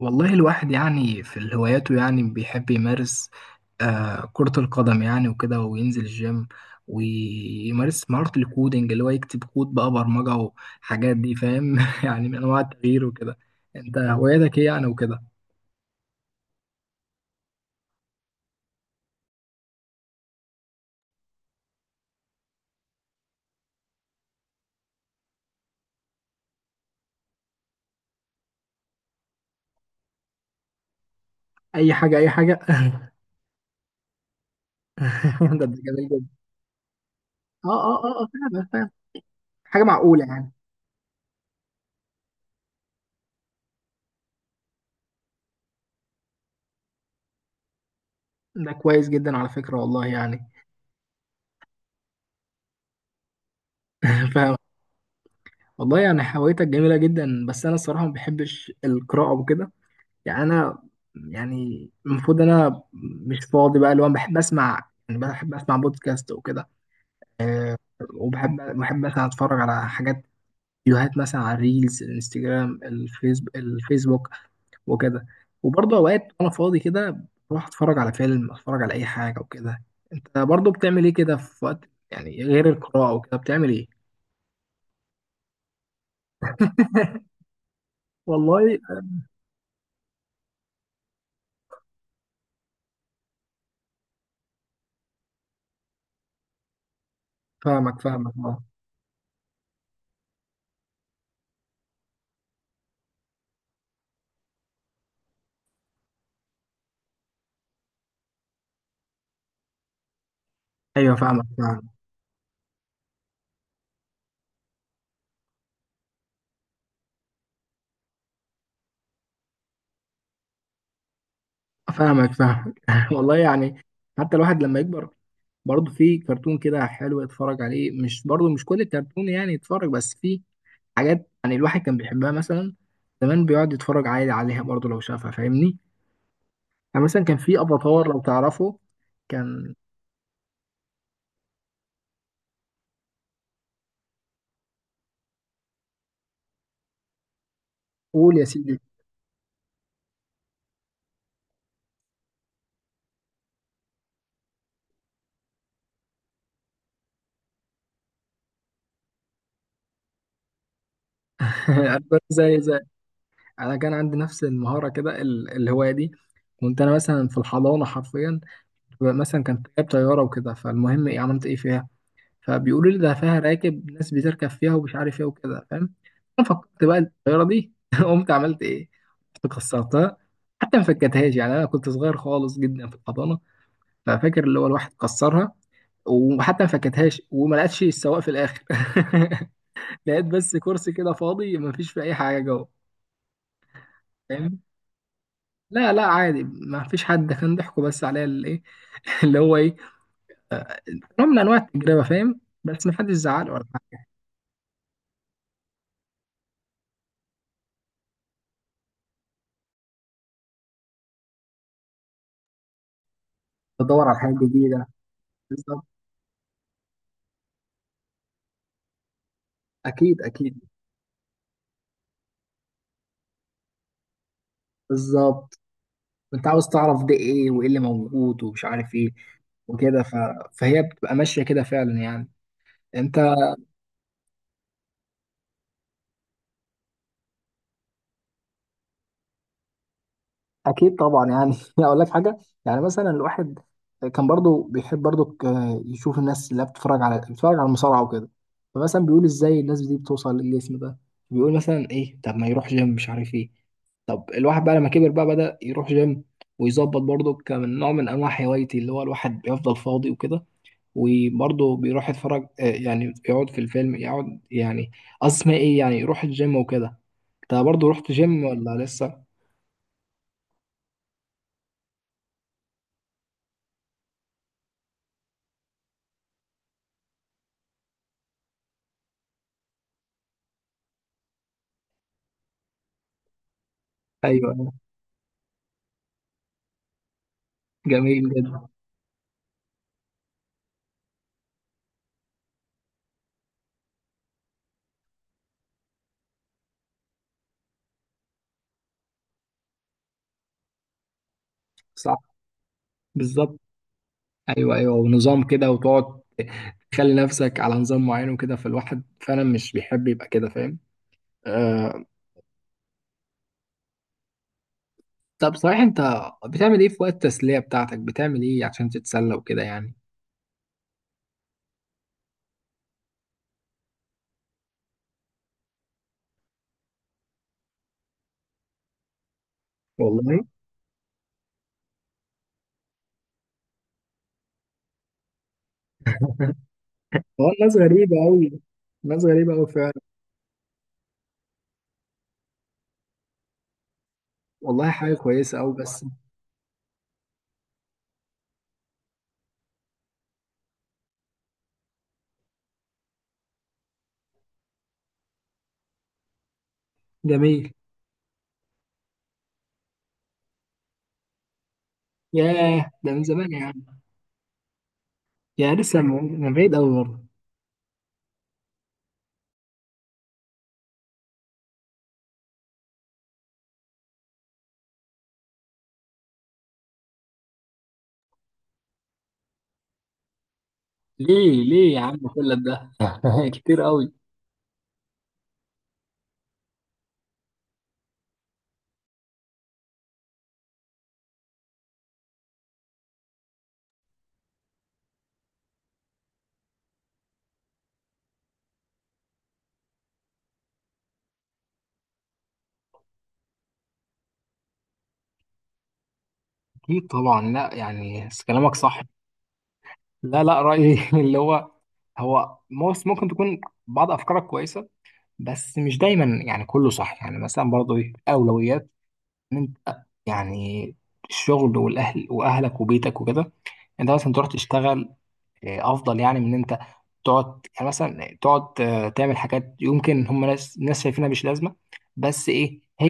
والله الواحد يعني في الهواياته يعني بيحب يمارس كرة القدم يعني وكده، وينزل الجيم ويمارس مهارة الكودينج اللي هو يكتب كود بقى برمجة وحاجات دي فاهم؟ يعني من أنواع التغيير وكده. أنت هواياتك إيه يعني وكده؟ أي حاجة أي حاجة. ده جميل جدا. آه آه آه آه، فاهم فاهم، حاجة معقولة يعني. ده كويس جدا على فكرة والله يعني. فاهم. والله يعني هوايتك جميلة جدا بس أنا الصراحة ما بحبش القراءة وكده. يعني انا، يعني المفروض انا مش فاضي بقى اللي هو بحب اسمع بودكاست وكده. وبحب مثلا اتفرج على حاجات، فيديوهات مثلا على الريلز الانستجرام الفيسبوك وكده. وبرضه اوقات وانا فاضي كده بروح اتفرج على فيلم، اتفرج على اي حاجه وكده. انت برضه بتعمل ايه كده في وقت يعني غير القراءه وكده بتعمل ايه؟ والله. فاهمك فاهمك اه. ايوه فاهمك فاهمك فاهمك فاهمك. والله يعني. حتى الواحد لما يكبر برضه في كرتون كده حلو اتفرج عليه، مش برضه مش كل الكرتون يعني اتفرج، بس في حاجات يعني الواحد كان بيحبها مثلا زمان بيقعد يتفرج عادي عليها برضه لو شافها فاهمني. يعني مثلا كان في افاتار لو تعرفه كان. قول يا سيدي. أنا زي انا كان عندي نفس المهاره كده الهوايه دي. كنت انا مثلا في الحضانه حرفيا، مثلا كان جايب طياره وكده، فالمهم ايه عملت ايه فيها؟ فبيقولوا لي ده فيها راكب، ناس بتركب فيها ومش عارف ايه وكده، فاهم؟ انا فكرت بقى الطياره دي قمت عملت ايه؟ كنت كسرتها، حتى ما فكتهاش، يعني انا كنت صغير خالص جدا في الحضانه. ففاكر اللي هو الواحد كسرها وحتى ما فكتهاش وما لقتش السواق في الاخر. لقيت بس كرسي كده فاضي ما فيش فيه اي حاجه جوه. فاهم. لا لا عادي، ما فيش حد، ده كان ضحكوا بس عليا الايه. اللي هو ايه، نوع من انواع التجربه فاهم، بس ما حدش زعل ولا حاجه. بدور على حاجه جديده. بالظبط، اكيد اكيد. بالظبط. انت عاوز تعرف ده ايه وايه اللي موجود ومش عارف ايه وكده فهي بتبقى ماشيه كده فعلا يعني، انت. اكيد طبعا يعني. اقول لك حاجه، يعني مثلا الواحد كان برضو بيحب برضو يشوف الناس اللي بتتفرج على المصارعه وكده. فمثلا بيقول ازاي الناس دي بتوصل للاسم ده، بيقول مثلا ايه، طب ما يروح جيم مش عارف ايه. طب الواحد بقى لما كبر بقى بدأ يروح جيم ويظبط برضو كمن نوع من انواع هوايتي اللي هو الواحد بيفضل فاضي وكده. وبرضه بيروح يتفرج، يعني يقعد في الفيلم، يقعد يعني اسمه ايه يعني يروح الجيم وكده. انت برضه رحت جيم ولا لسه؟ ايوه جميل جدا صح بالظبط. ايوه ايوه ونظام كده، وتقعد تخلي نفسك على نظام معين وكده، فالواحد فعلا مش بيحب يبقى كده فاهم. آه. طب صحيح انت بتعمل ايه في وقت التسلية بتاعتك، بتعمل ايه عشان تتسلى وكده يعني؟ والله. هو الناس غريبة أوي، ناس غريبة أوي فعلا. والله حاجة كويسة أوي بس. جميل. ياه ده من زمان يا عم. يا لسه من بعيد قوي برضه. ليه ليه يا عم كل ده؟ كتير قوي. اكيد طبعا، لا يعني بس كلامك صح. لا لا، رايي اللي هو هو موس ممكن تكون بعض افكارك كويسه، بس مش دايما يعني كله صح، يعني مثلا برضه ايه اولويات ان انت يعني الشغل والاهل واهلك وبيتك وكده. انت مثلا تروح تشتغل، افضل يعني من ان انت تقعد يعني مثلا تقعد، تعمل حاجات يمكن هم ناس ناس شايفينها مش لازمه، بس ايه هي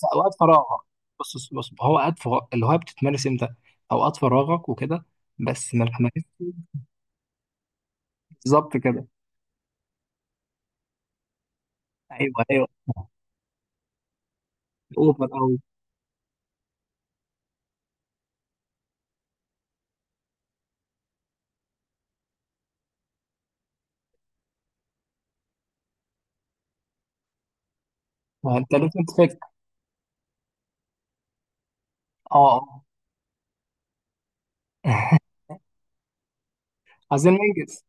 في اوقات فراغك. بص بص بص، هو اوقات الهوايه بتتمارس امتى؟ اوقات فراغك وكده، بس ما تمارسش. بالظبط كده. ايوه ايوه اوفر قوي. انت لازم تفك. اه. آه. عايزين ننجز.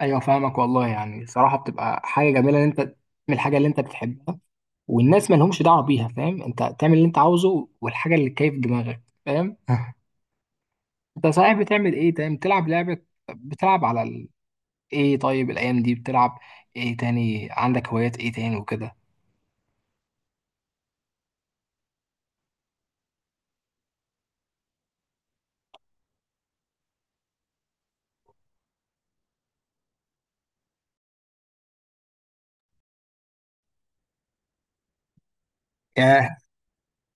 ايوه فاهمك والله يعني، صراحه بتبقى حاجه جميله ان انت من الحاجه اللي انت بتحبها والناس ما لهمش دعوه بيها، فاهم، انت تعمل اللي انت عاوزه والحاجه اللي كيف دماغك فاهم. انت صحيح بتعمل ايه؟ تمام، بتلعب لعبه؟ بتلعب على ال... ايه طيب الايام دي بتلعب ايه تاني؟ عندك هوايات ايه تاني وكده؟ ياه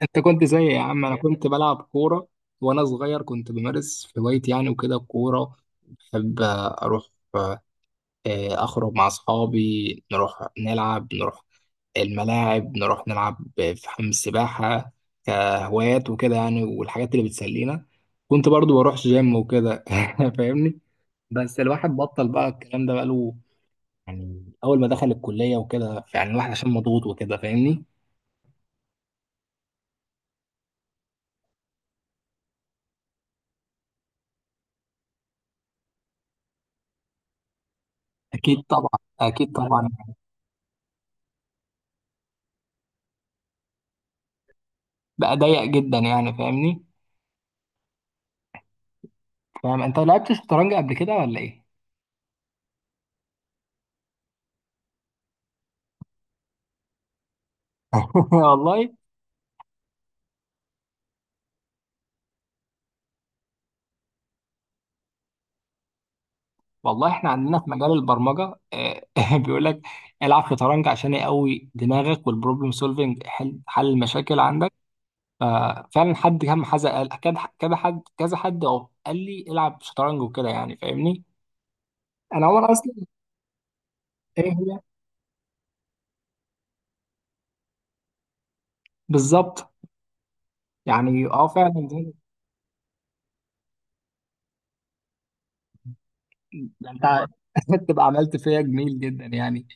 انت كنت زي يا عم، انا كنت بلعب كوره وانا صغير، كنت بمارس هوايتي يعني وكده الكوره. بحب اروح، أخرج مع أصحابي نروح نلعب، نروح الملاعب نروح نلعب في حمام السباحة كهوايات وكده يعني، والحاجات اللي بتسلينا. كنت برضو بروح جيم وكده. فاهمني. بس الواحد بطل بقى الكلام ده بقاله، يعني أول ما دخل الكلية وكده يعني الواحد عشان مضغوط وكده فاهمني. أكيد طبعا أكيد طبعا. بقى ضيق جدا يعني فاهمني. فاهم. أنت لعبت شطرنج قبل كده ولا إيه؟ والله والله. احنا عندنا في مجال البرمجه، بيقول لك العب شطرنج عشان يقوي دماغك والبروبلم سولفنج، حل المشاكل عندك. ففعلا حد كم حد قال كذا كذا حد كذا حد أهو قال لي العب شطرنج وكده يعني فاهمني. انا عمر اصلا. ايه هي؟ بالظبط. يعني اه فعلا ده انت تبقى عملت فيا جميل جدا يعني،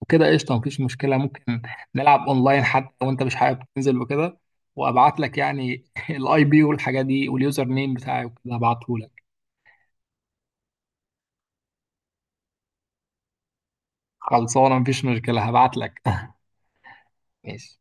وكده قشطه مفيش مشكله. ممكن نلعب اونلاين حتى لو انت مش حابب تنزل وكده، وابعت لك يعني الاي بي والحاجات دي واليوزر نيم بتاعي وكده هبعته لك. خلصانه مفيش مشكله هبعت لك. ماشي.